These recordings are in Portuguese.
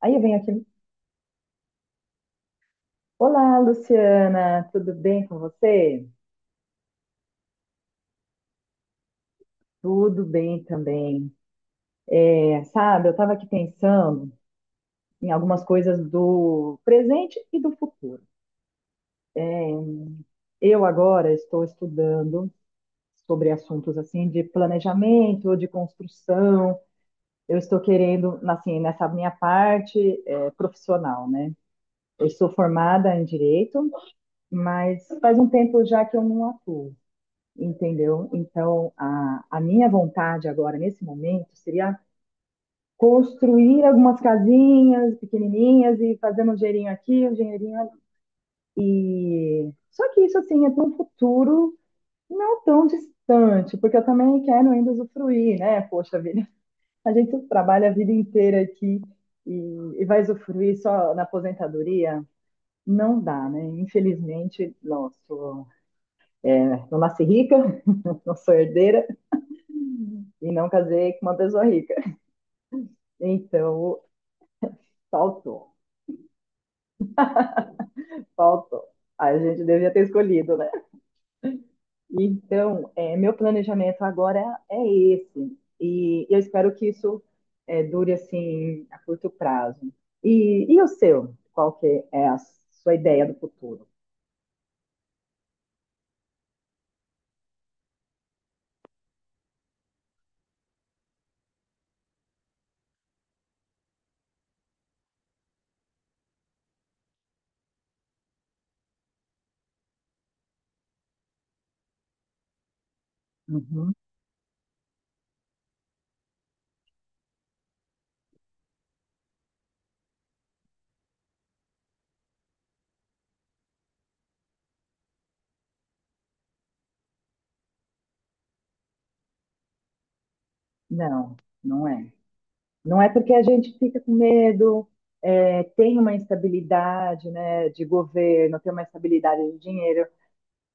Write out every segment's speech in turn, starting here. Aí vem aquele: olá, Luciana, tudo bem com você? Tudo bem também. Eu estava aqui pensando em algumas coisas do presente e do futuro. Eu agora estou estudando sobre assuntos assim de planejamento, de construção. Eu estou querendo, assim, nessa minha parte profissional, né? Eu sou formada em direito, mas faz um tempo já que eu não atuo, entendeu? Então, a minha vontade agora, nesse momento, seria construir algumas casinhas pequenininhas e fazer um dinheirinho aqui, um dinheirinho ali. Só que isso, assim, é para um futuro não tão distante, porque eu também quero ainda usufruir, né? Poxa vida, a gente trabalha a vida inteira aqui e, e vai usufruir só na aposentadoria? Não dá, né? Infelizmente, não nasci rica, não sou herdeira e não casei com uma pessoa rica. Então, faltou, faltou. A gente devia ter escolhido, né? Meu planejamento agora é esse. E eu espero que isso dure assim a curto prazo. E o seu? Qual que é a sua ideia do futuro? Uhum. Não, não é. Não é porque a gente fica com medo, é, tem uma instabilidade, né, de governo, tem uma instabilidade de dinheiro.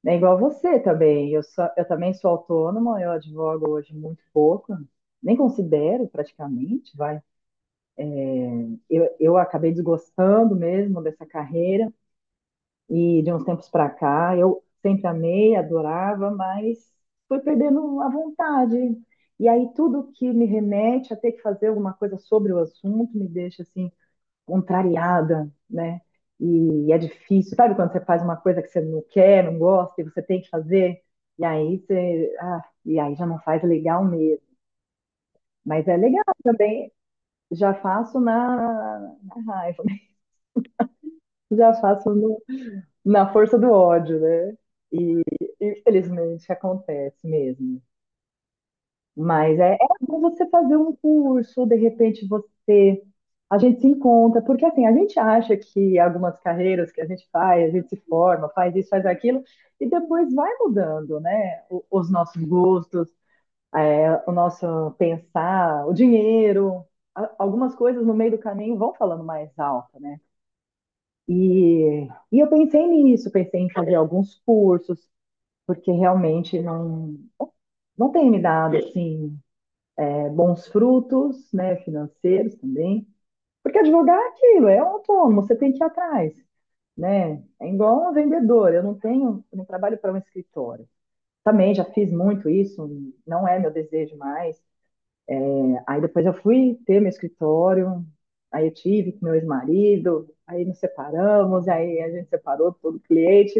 É igual você também. Eu também sou autônoma, eu advogo hoje muito pouco, nem considero praticamente, vai. Eu acabei desgostando mesmo dessa carreira e de uns tempos para cá eu sempre amei, adorava, mas fui perdendo a vontade. E aí tudo que me remete a ter que fazer alguma coisa sobre o assunto me deixa assim contrariada, né? E é difícil, sabe quando você faz uma coisa que você não quer, não gosta, e você tem que fazer, e aí e aí já não faz legal mesmo. Mas é legal também, já faço na raiva, né? já faço no- na força do ódio, né? E infelizmente acontece mesmo. É bom você fazer um curso, de repente você. A gente se encontra, porque assim, a gente acha que algumas carreiras que a gente faz, a gente se forma, faz isso, faz aquilo, e depois vai mudando, né? O- os nossos gostos, o nosso pensar, o dinheiro, a- algumas coisas no meio do caminho vão falando mais alto, né? E, e eu pensei nisso, pensei em fazer alguns cursos, porque realmente não tem me dado assim bons frutos, né, financeiros também. Porque advogar é aquilo, é um autônomo, você tem que ir atrás, né? É igual um vendedor, eu não trabalho para um escritório. Também já fiz muito isso, não é meu desejo mais. Aí depois eu fui ter meu escritório, aí eu tive com meu ex-marido, aí nos separamos, aí a gente separou todo o cliente.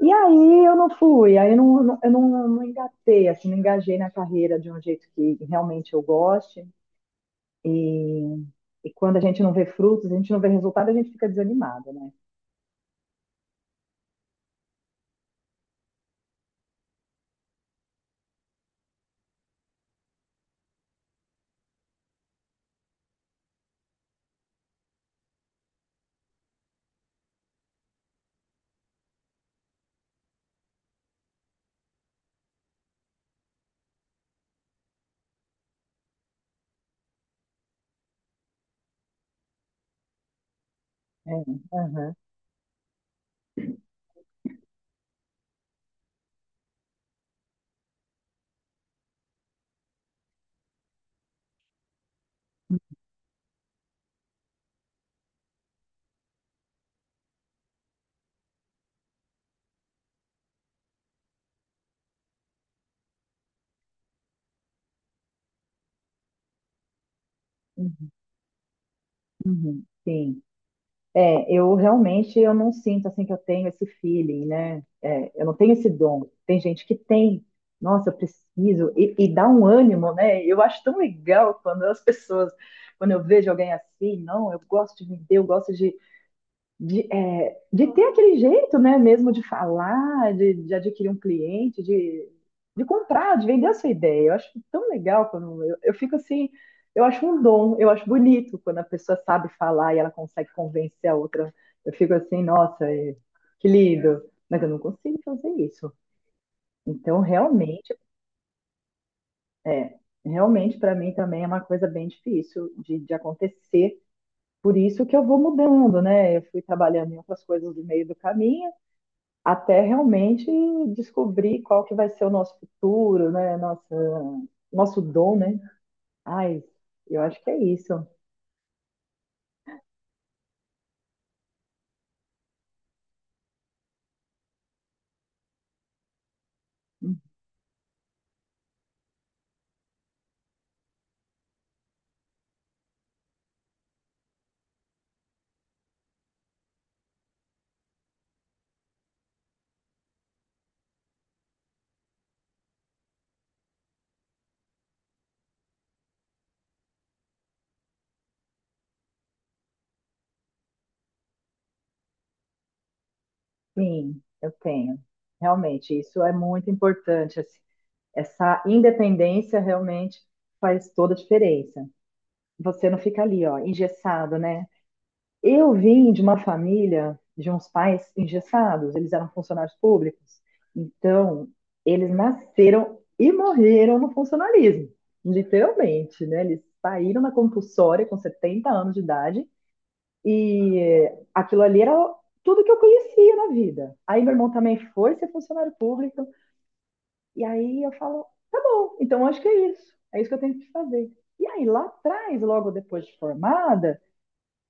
E aí eu não engatei, assim, não engajei na carreira de um jeito que realmente eu goste. E E quando a gente não vê frutos, a gente não vê resultado, a gente fica desanimado, né? É, aham, uhum, uhum, sim. É, eu realmente eu não sinto assim que eu tenho esse feeling, né? É, eu não tenho esse dom. Tem gente que tem. Nossa, eu preciso. E dá um ânimo, né? Eu acho tão legal quando as pessoas, quando eu vejo alguém assim, não, eu gosto de vender, eu gosto de, é, de ter aquele jeito, né, mesmo de falar, de adquirir um cliente, de comprar, de vender a sua ideia. Eu fico assim, eu acho um dom, eu acho bonito quando a pessoa sabe falar e ela consegue convencer a outra. Eu fico assim, que lindo, mas eu não consigo fazer isso. Então, realmente, é, realmente para mim também é uma coisa bem difícil de acontecer. Por isso que eu vou mudando, né? Eu fui trabalhando em outras coisas no meio do caminho, até realmente descobrir qual que vai ser o nosso futuro, né? Nossa, nosso dom, né? Ai, eu acho que é isso. Sim, eu tenho. Realmente, isso é muito importante, assim. Essa independência realmente faz toda a diferença. Você não fica ali, ó, engessado, né? Eu vim de uma família de uns pais engessados, eles eram funcionários públicos. Então, eles nasceram e morreram no funcionalismo, literalmente, né? Eles saíram na compulsória com 70 anos de idade e aquilo ali era tudo que eu conhecia na vida. Aí meu irmão também foi ser funcionário público e aí eu falo, tá bom, então acho que é isso que eu tenho que fazer. E aí lá atrás, logo depois de formada,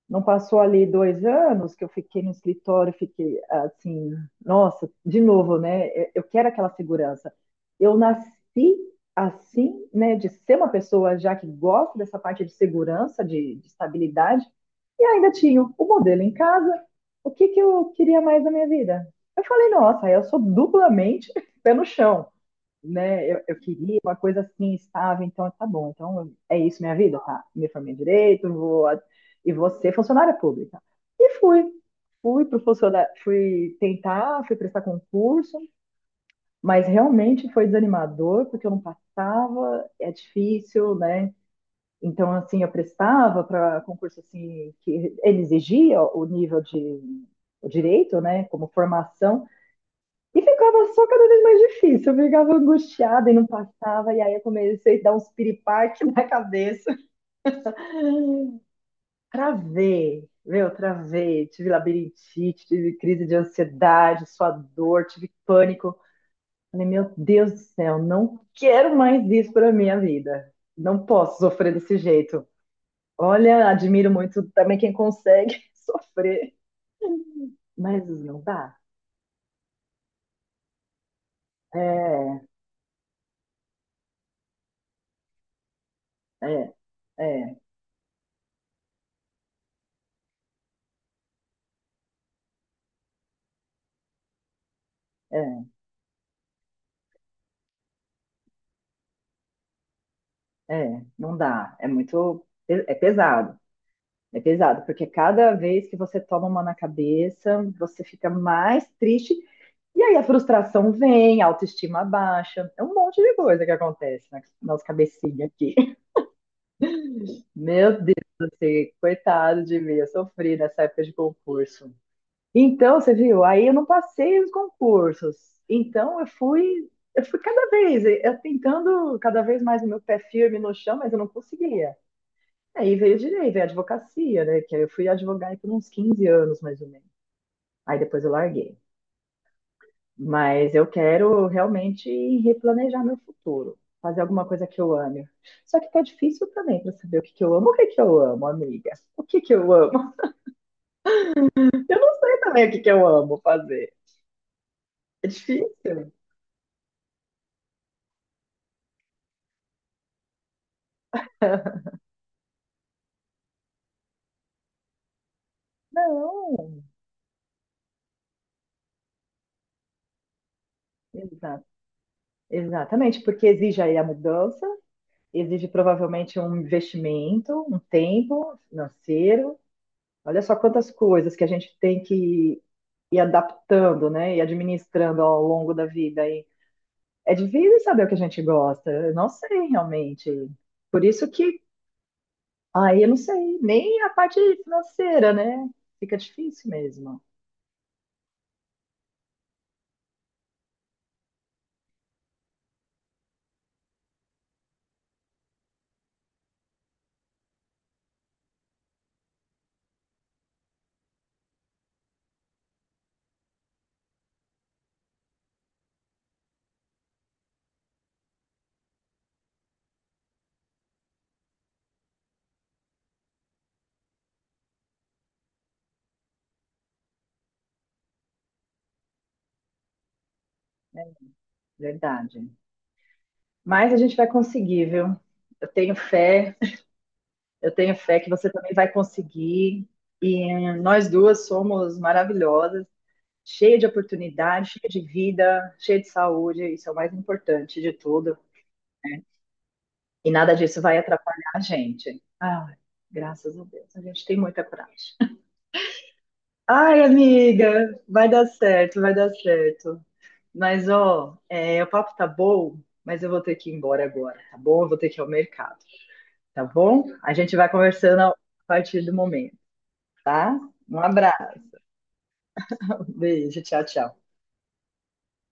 não passou ali 2 anos que eu fiquei no escritório, fiquei assim, nossa, de novo, né? Eu quero aquela segurança. Eu nasci assim, né, de ser uma pessoa já que gosta dessa parte de segurança, de estabilidade, e ainda tinha o modelo em casa. O que que eu queria mais da minha vida? Eu falei, nossa, eu sou duplamente pé no chão, né? Eu queria uma coisa assim, estável, então tá bom. Então é isso, minha vida, tá? Me formei em direito, e vou ser funcionária pública. E fui. Fui pro funcionário, fui tentar, fui prestar concurso, mas realmente foi desanimador, porque eu não passava, é difícil, né? Então, assim, eu prestava para concurso assim que ele exigia o nível de o direito, né, como formação e ficava só cada vez mais difícil. Eu ficava angustiada e não passava. E aí eu comecei a dar uns piripaque na cabeça. Travei, meu, travei. Tive labirintite, tive crise de ansiedade, suador, tive pânico. Falei, meu Deus do céu, não quero mais isso para minha vida. Não posso sofrer desse jeito. Olha, admiro muito também quem consegue sofrer, mas não dá. É, é, é, é, não dá. É pesado. É pesado, porque cada vez que você toma uma na cabeça, você fica mais triste. E aí a frustração vem, a autoestima baixa. É um monte de coisa que acontece na nossa cabecinha aqui. Meu Deus, você, coitado de mim, eu sofri nessa época de concurso. Então, você viu, aí eu não passei os concursos. Então, eu fui cada vez, eu tentando cada vez mais o meu pé firme no chão, mas eu não conseguia. Aí veio direito, veio advocacia, né? Que aí eu fui advogar por uns 15 anos, mais ou menos. Aí depois eu larguei. Mas eu quero realmente replanejar meu futuro, fazer alguma coisa que eu ame. Só que tá difícil também para saber o que que eu amo. O que que eu amo, amiga? O que que eu amo? Eu não sei também o que que eu amo fazer. É difícil. Não, exato. Exatamente, porque exige aí a mudança, exige provavelmente um investimento, um tempo financeiro. Olha só quantas coisas que a gente tem que ir adaptando, né? E administrando ao longo da vida. E é difícil saber o que a gente gosta. Eu não sei realmente. Por isso que, aí eu não sei, nem a parte financeira, né? Fica difícil mesmo. É verdade. Mas a gente vai conseguir, viu? Eu tenho fé, eu tenho fé que você também vai conseguir. E nós duas somos maravilhosas, cheia de oportunidade, cheia de vida, cheia de saúde, isso é o mais importante de tudo. E nada disso vai atrapalhar a gente. Ai, graças a Deus, a gente tem muita coragem. Ai, amiga, vai dar certo, vai dar certo. O papo tá bom, mas eu vou ter que ir embora agora, tá bom? Eu vou ter que ir ao mercado, tá bom? A gente vai conversando a partir do momento, tá? Um abraço, beijo, tchau, tchau.